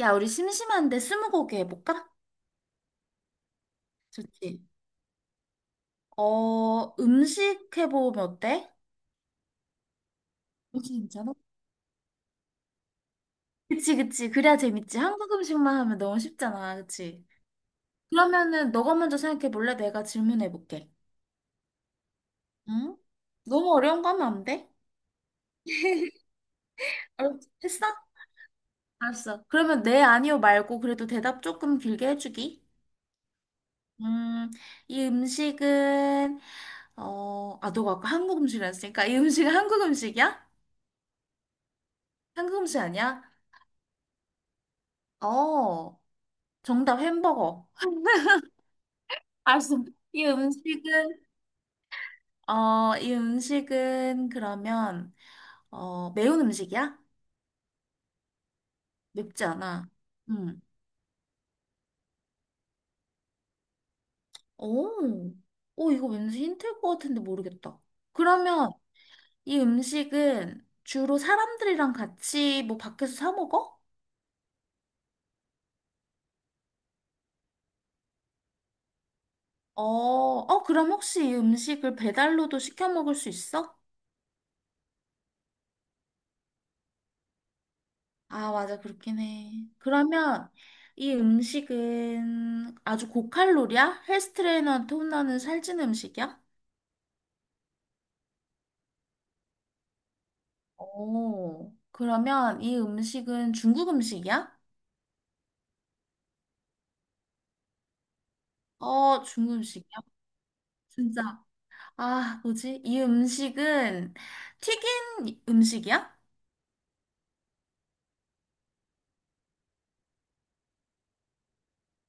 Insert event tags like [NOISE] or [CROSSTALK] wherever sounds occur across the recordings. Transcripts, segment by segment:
야, 우리 심심한데 스무고개 해볼까? 좋지. 어, 음식 해보면 어때? 음식 괜찮아? 그치, 그치. 그래야 재밌지. 한국 음식만 하면 너무 쉽잖아. 그치? 그러면은 너가 먼저 생각해볼래? 내가 질문해볼게. 응? 너무 어려운 거 하면 안 돼? [LAUGHS] 했어? 알았어. 그러면 네, 아니요 말고 그래도 대답 조금 길게 해주기. 음, 이 음식은, 어, 아, 너가 아까 한국 음식이라 했으니까 이 음식은 한국 음식이야? 한국 음식 아니야? 어, 정답 햄버거. [LAUGHS] 알이 음식은, 어, 이 음식은 그러면, 어, 매운 음식이야? 맵지 않아. 음. 오, 오, 이거 왠지 힌트일 것 같은데 모르겠다. 그러면 이 음식은 주로 사람들이랑 같이 뭐 밖에서 사 먹어? 어, 어, 그럼 혹시 이 음식을 배달로도 시켜 먹을 수 있어? 아, 맞아. 그렇긴 해. 그러면 이 음식은 아주 고칼로리야? 헬스 트레이너한테 혼나는 살찐 음식이야? 오, 그러면 이 음식은 중국 음식이야? 어, 중국 음식이야? 진짜. 아, 뭐지? 이 음식은 튀긴 음식이야?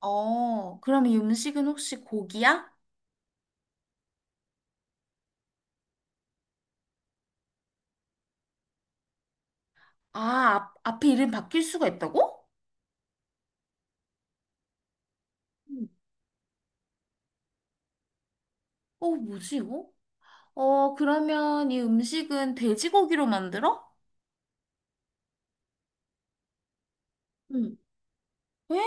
어, 그럼 이 음식은 혹시 고기야? 아, 앞에 이름 바뀔 수가 있다고? 음. 어, 뭐지, 이거? 어, 그러면 이 음식은 돼지고기로 만들어? 응. 에?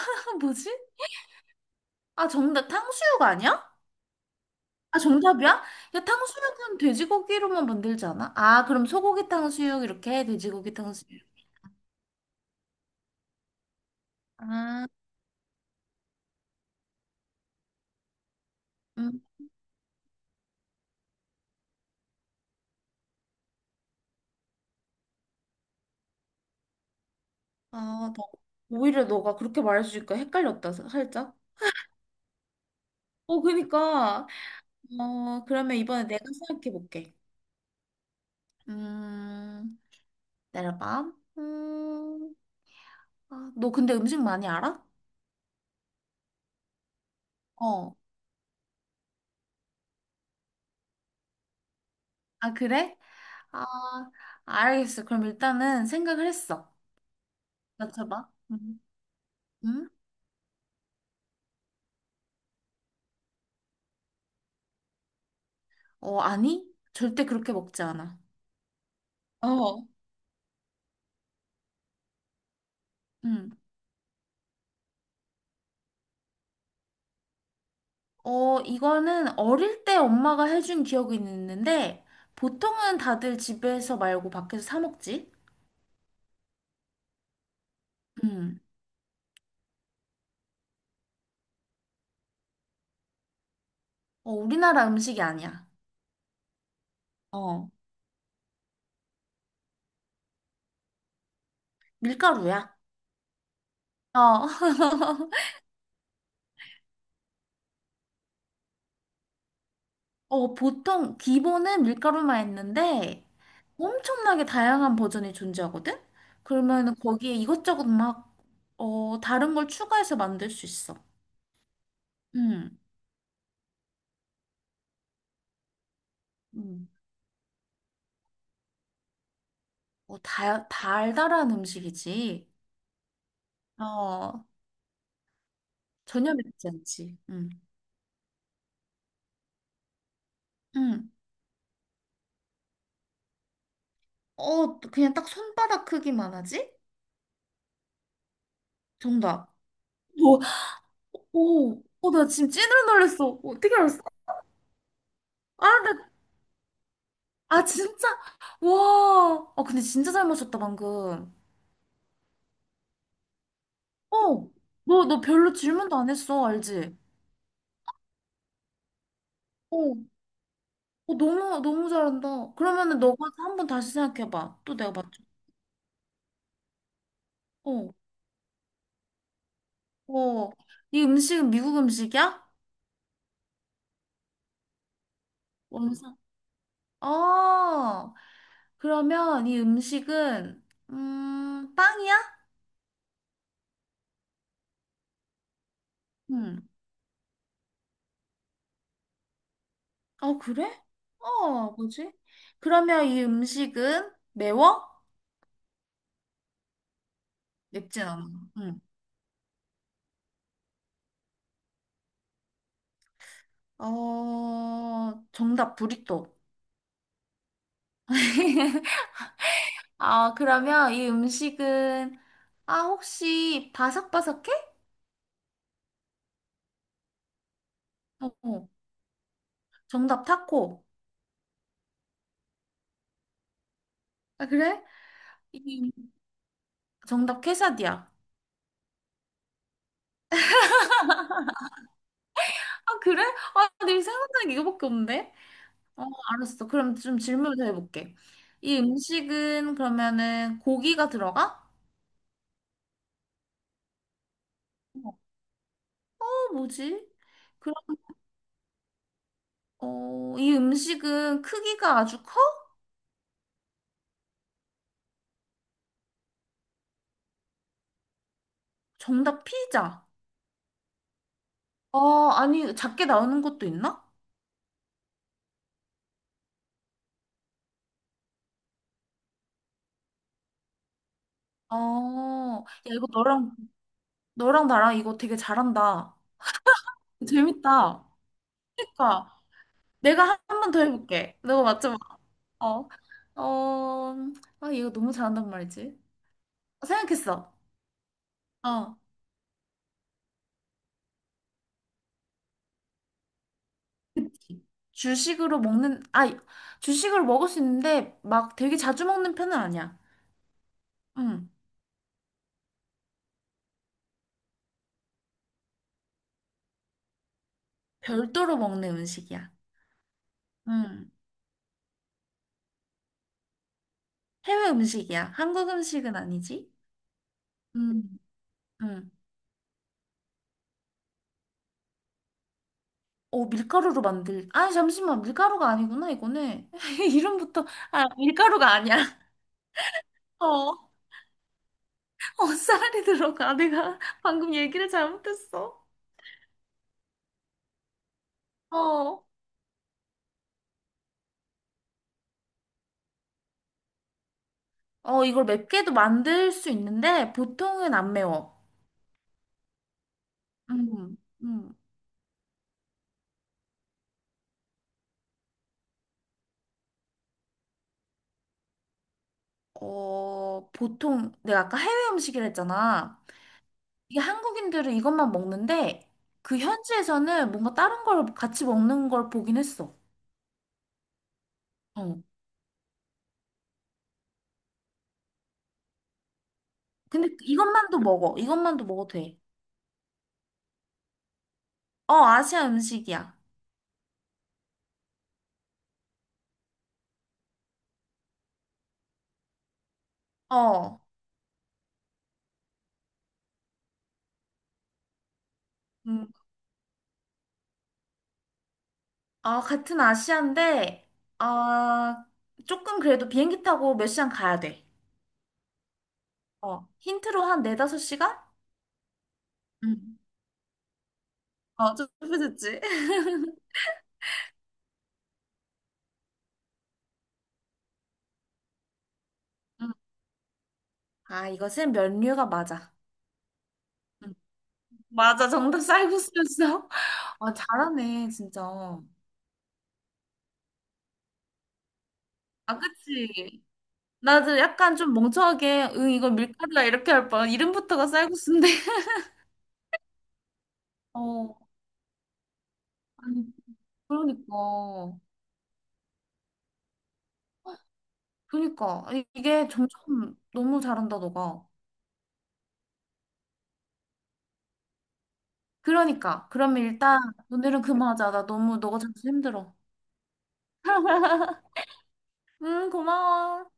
[LAUGHS] 뭐지? 아, 정답 탕수육 아니야? 아, 정답이야? 야, 탕수육은 돼지고기로만 만들지 않아? 아, 그럼 소고기 탕수육 이렇게 돼지고기 탕수육. 아, 음. 아, 나 오히려 너가 그렇게 말해주니까 헷갈렸다, 살짝. 어, 그니까. 어, 그러면 이번에 내가 생각해 볼게. 음, 내려봐. 음, 아, 너 근데 음식 많이 알아? 어. 아, 그래? 아, 알겠어. 그럼 일단은 생각을 했어. 맞춰봐. 음. 음? 어, 아니? 절대 그렇게 먹지 않아. 어. 음. 어, 이거는 어릴 때 엄마가 해준 기억이 있는데, 보통은 다들 집에서 말고 밖에서 사 먹지? 음. 어, 우리나라 음식이 아니야. 어, 밀가루야. 어. [LAUGHS] 어, 보통 기본은 밀가루만 있는데, 엄청나게 다양한 버전이 존재하거든? 그러면 거기에 이것저것 막, 어, 다른 걸 추가해서 만들 수 있어. 음. 음. 뭐 달달한 음식이지. 어, 전혀 맵지 않지. 음. 음. 어, 그냥 딱 손바닥 크기만 하지? 정답. 뭐, 오, 어, 나 지금 찐으로 놀랬어. 어떻게 알았어? 아, 나, 아, 진짜? 와. 아, 근데 진짜 잘 맞췄다, 방금. 어, 너 별로 질문도 안 했어, 알지? 어, 어, 너무, 너무 잘한다. 그러면은 너가 한 번 다시 생각해봐. 또 내가 맞춰. 어, 어. 이 음식은 미국 음식이야? 원산. 어, 그러면 이 음식은, 빵이야? 응. 어, 그래? 어, 뭐지? 그러면 이 음식은 매워? 맵진 않아. 응. 어, 정답, 부리또. [LAUGHS] 아, 그러면 이 음식은, 아, 혹시 바삭바삭해? 어, 어. 정답, 타코. 아, 그래? 이, 음- 정답, 케사디야. 아, 그래? 아, 내 생각나는 게 이거밖에 없는데? 어, 알았어. 그럼 좀 질문을 더 해볼게. 이 음식은 그러면은 고기가 들어가? 어, 뭐지? 그럼, 어, 이 음식은 크기가 아주 커? 정답 피자. 어, 아니, 작게 나오는 것도 있나? 어, 야, 이거 너랑, 너랑 나랑 이거 되게 잘한다. 재밌다. 그러니까, 내가 한 번 더 해볼게. 너가 맞춰봐. 어, 어, 아, 얘가 너무 잘한단 말이지. 생각했어. 어. 그치. 주식으로 먹는, 아, 주식으로 먹을 수 있는데 막 되게 자주 먹는 편은 아니야. 응. 별도로 먹는 음식이야. 응. 해외 음식이야. 한국 음식은 아니지? 응. 응. 어, 밀가루로 만들, 아, 잠시만. 밀가루가 아니구나, 이거는. [LAUGHS] 이름부터, 아, 밀가루가 아니야. [LAUGHS] 어, 어, 쌀이 들어가. 내가 방금 얘기를 잘못했어. 어. 어, 이걸 맵게도 만들 수 있는데 보통은 안 매워. 음. 음. 어, 보통 내가 아까 해외 음식이라 했잖아. 이게 한국인들은 이것만 먹는데 그 현지에서는 뭔가 다른 걸 같이 먹는 걸 보긴 했어. 어. 근데 이것만도 먹어. 이것만도 먹어도 돼. 어, 아시아 음식이야. 어. 음. 아, 같은 아시아인데 아, 조금 그래도 비행기 타고 몇 시간 가야 돼. 어. 힌트로 한 네다섯 시간? 응. 어, 좀 좁혀졌지? [LAUGHS] 응. 아, 이것은 면류가 맞아. 응. 맞아, 정답 쌀국수였어? [LAUGHS] 아, 잘하네, 진짜. 아, 그치? 나도 약간 좀 멍청하게, 응, 이거 밀가루야, 이렇게 할 뻔. 이름부터가 쌀국수인데. [LAUGHS] 어, 아니, 그러니까. 그러니까. 아니, 이게 점점 너무 잘한다, 너가. 그러니까. 그러면 일단, 오늘은 그만하자. 나 너무, 너가 자꾸 힘들어. [LAUGHS] 응, 고마워.